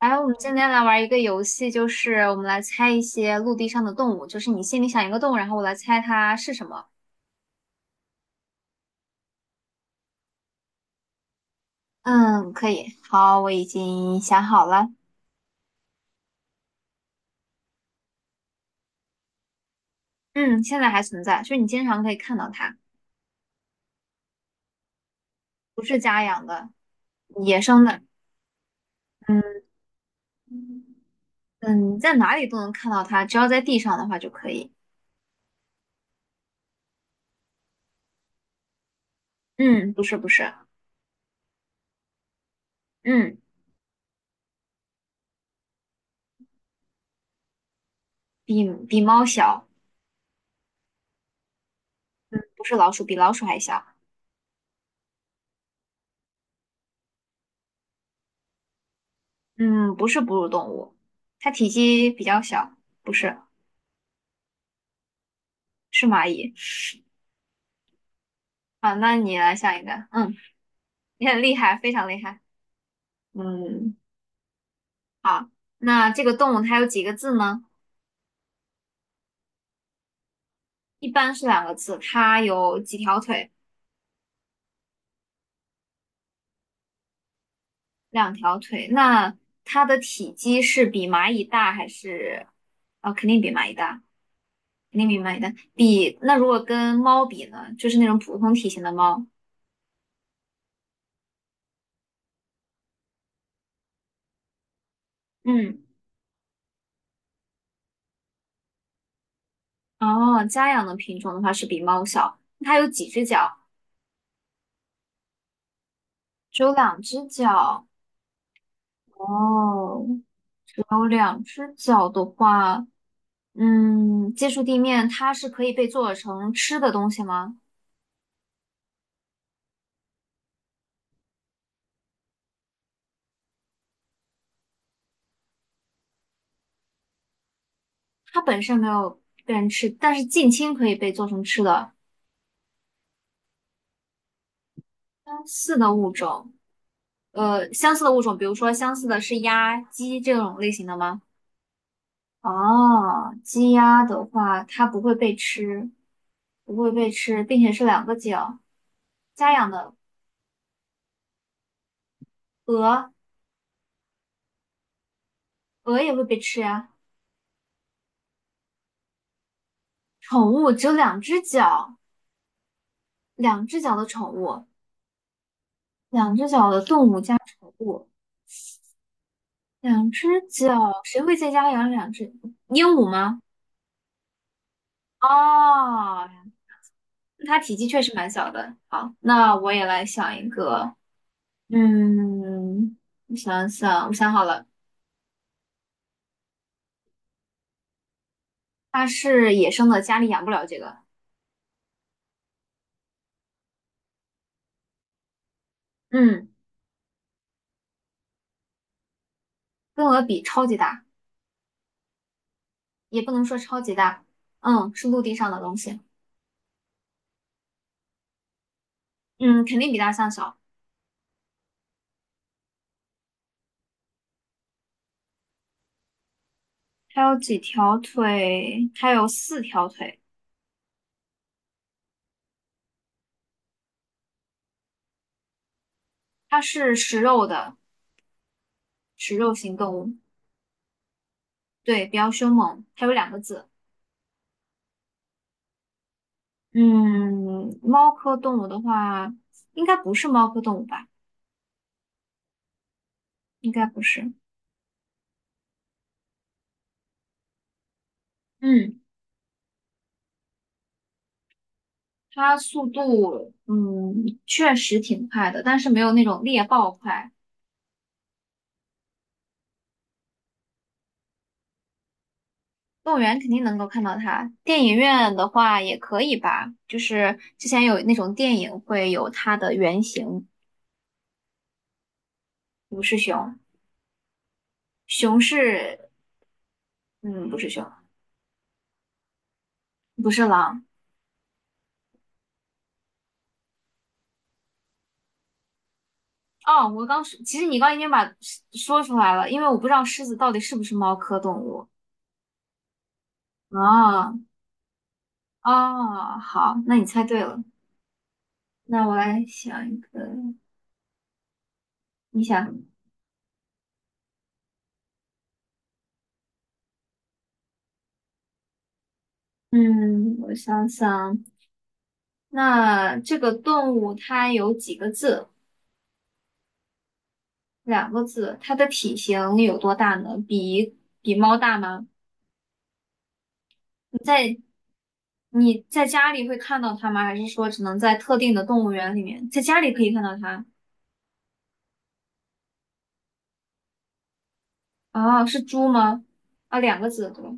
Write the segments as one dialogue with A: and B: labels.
A: 来，我们今天来玩一个游戏，就是我们来猜一些陆地上的动物，就是你心里想一个动物，然后我来猜它是什么。嗯，可以。好，我已经想好了。嗯，现在还存在，就是你经常可以看到它，不是家养的，野生的。嗯嗯，在哪里都能看到它，只要在地上的话就可以。嗯，不是，嗯，比猫小，不是老鼠，比老鼠还小。嗯，不是哺乳动物，它体积比较小，不是，是蚂蚁。好，那你来下一个。嗯，你很厉害，非常厉害。嗯，那这个动物它有几个字呢？一般是两个字。它有几条腿？两条腿。那它的体积是比蚂蚁大还是？哦，肯定比蚂蚁大，肯定比蚂蚁大。比，那如果跟猫比呢？就是那种普通体型的猫。嗯，哦，家养的品种的话是比猫小。它有几只脚？只有两只脚。哦，只有两只脚的话，嗯，接触地面，它是可以被做成吃的东西吗？它本身没有被人吃，但是近亲可以被做成吃的。相似的物种，呃，相似的物种，比如说相似的是鸭、鸡这种类型的吗？哦，鸡鸭的话，它不会被吃，不会被吃，并且是两个脚。家养的鹅，鹅也会被吃呀。宠物只有两只脚。两只脚的宠物，两只脚的动物加宠物，两只脚，谁会在家养两只鹦鹉吗？哦，它体积确实蛮小的。好，那我也来想一个，嗯，我想想，我想好了，它是野生的，家里养不了这个。嗯，跟鹅比超级大，也不能说超级大，嗯，是陆地上的东西，嗯，肯定比大象小。它有几条腿？它有四条腿。它是食肉的。食肉型动物，对，比较凶猛。还有两个字，嗯，猫科动物的话，应该不是猫科动物吧？应该不是。嗯，它速度，嗯，确实挺快的，但是没有那种猎豹快。动物园肯定能够看到它，电影院的话也可以吧。就是之前有那种电影会有它的原型，不是熊，熊是，嗯，不是熊，不是狼。哦，我刚说，其实你刚已经把说出来了，因为我不知道狮子到底是不是猫科动物啊啊，好，那你猜对了。那我来想一个，你想，嗯，我想想，那这个动物它有几个字？两个字。它的体型有多大呢？比猫大吗？你在家里会看到它吗？还是说只能在特定的动物园里面？在家里可以看到它？哦，是猪吗？啊，两个字，对吧？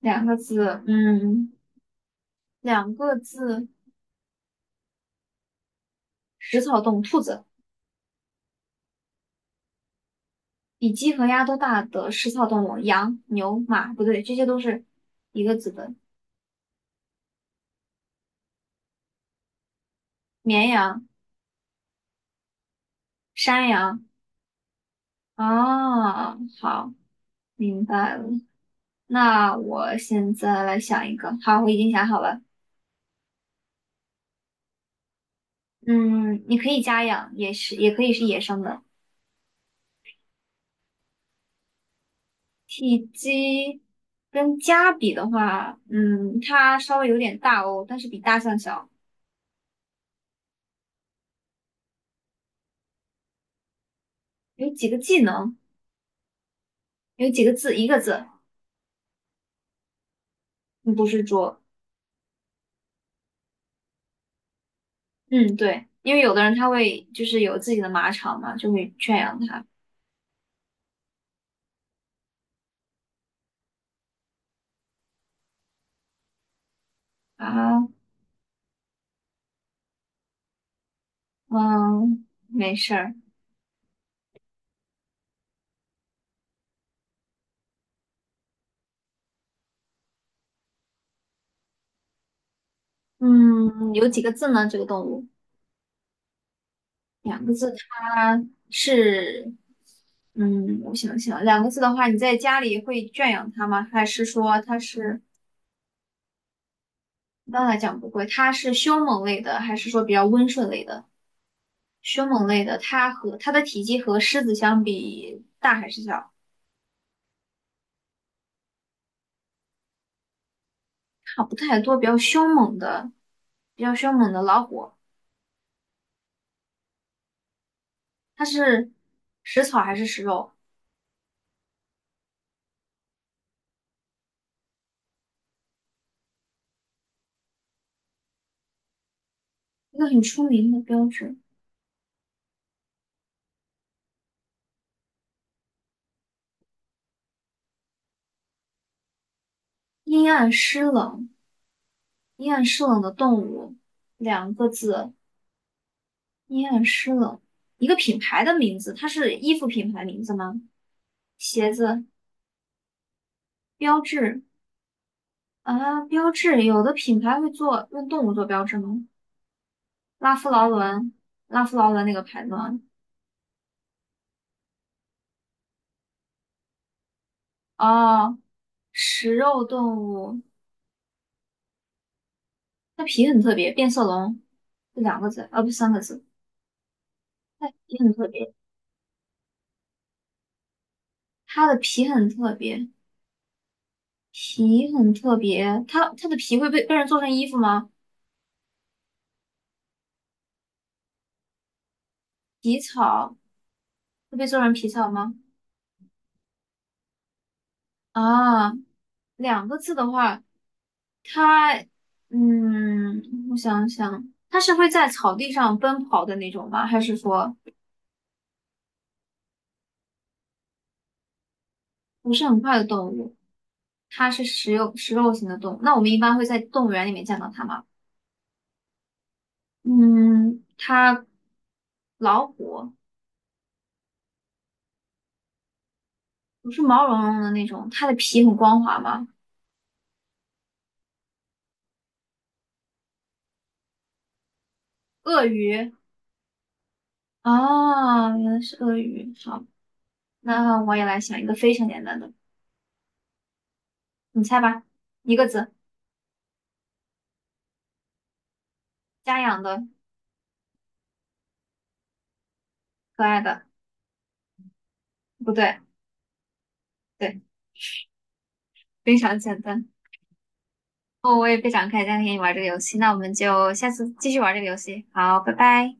A: 两个字，嗯，两个字，食草动物，兔子，比鸡和鸭都大的食草动物，羊、牛、马，不对，这些都是一个字的，绵羊、山羊。啊，好，明白了。那我现在来想一个，好，我已经想好了。嗯，你可以家养，也是，也可以是野生的。体积跟家比的话，嗯，它稍微有点大哦，但是比大象小。有几个技能？有几个字，一个字，嗯不是桌。嗯，对，因为有的人他会就是有自己的马场嘛，就会圈养它啊。嗯，没事儿。嗯，有几个字呢？这个动物两个字，它是嗯，我想想，两个字的话，你在家里会圈养它吗？还是说它是一般来讲不会？它是凶猛类的，还是说比较温顺类的？凶猛类的，它和它的体积和狮子相比大还是小？差不太多，比较凶猛的，比较凶猛的老虎，它是食草还是食肉？一个很出名的标志。阴暗湿冷，阴暗湿冷的动物，两个字，阴暗湿冷。一个品牌的名字，它是衣服品牌名字吗？鞋子标志啊，标志，有的品牌会做用动物做标志吗？拉夫劳伦，拉夫劳伦那个牌子吗？哦，食肉动物，它皮很特别，变色龙是两个字，啊，不三个字。它皮很特别，它的皮很特别，皮很特别。它的皮会被人做成衣服吗？皮草会被做成皮草吗？啊，两个字的话，它嗯，我想想，它是会在草地上奔跑的那种吗？还是说不是很快的动物？它是食肉型的动物。那我们一般会在动物园里面见到它吗？嗯，它老虎。不是毛茸茸的那种，它的皮很光滑吗？鳄鱼哦，原来是鳄鱼。好，那我也来想一个非常简单的，你猜吧，一个字，家养的，可爱的，不对，对，非常简单。哦，我也非常开心今天跟你玩这个游戏，那我们就下次继续玩这个游戏。好，拜拜。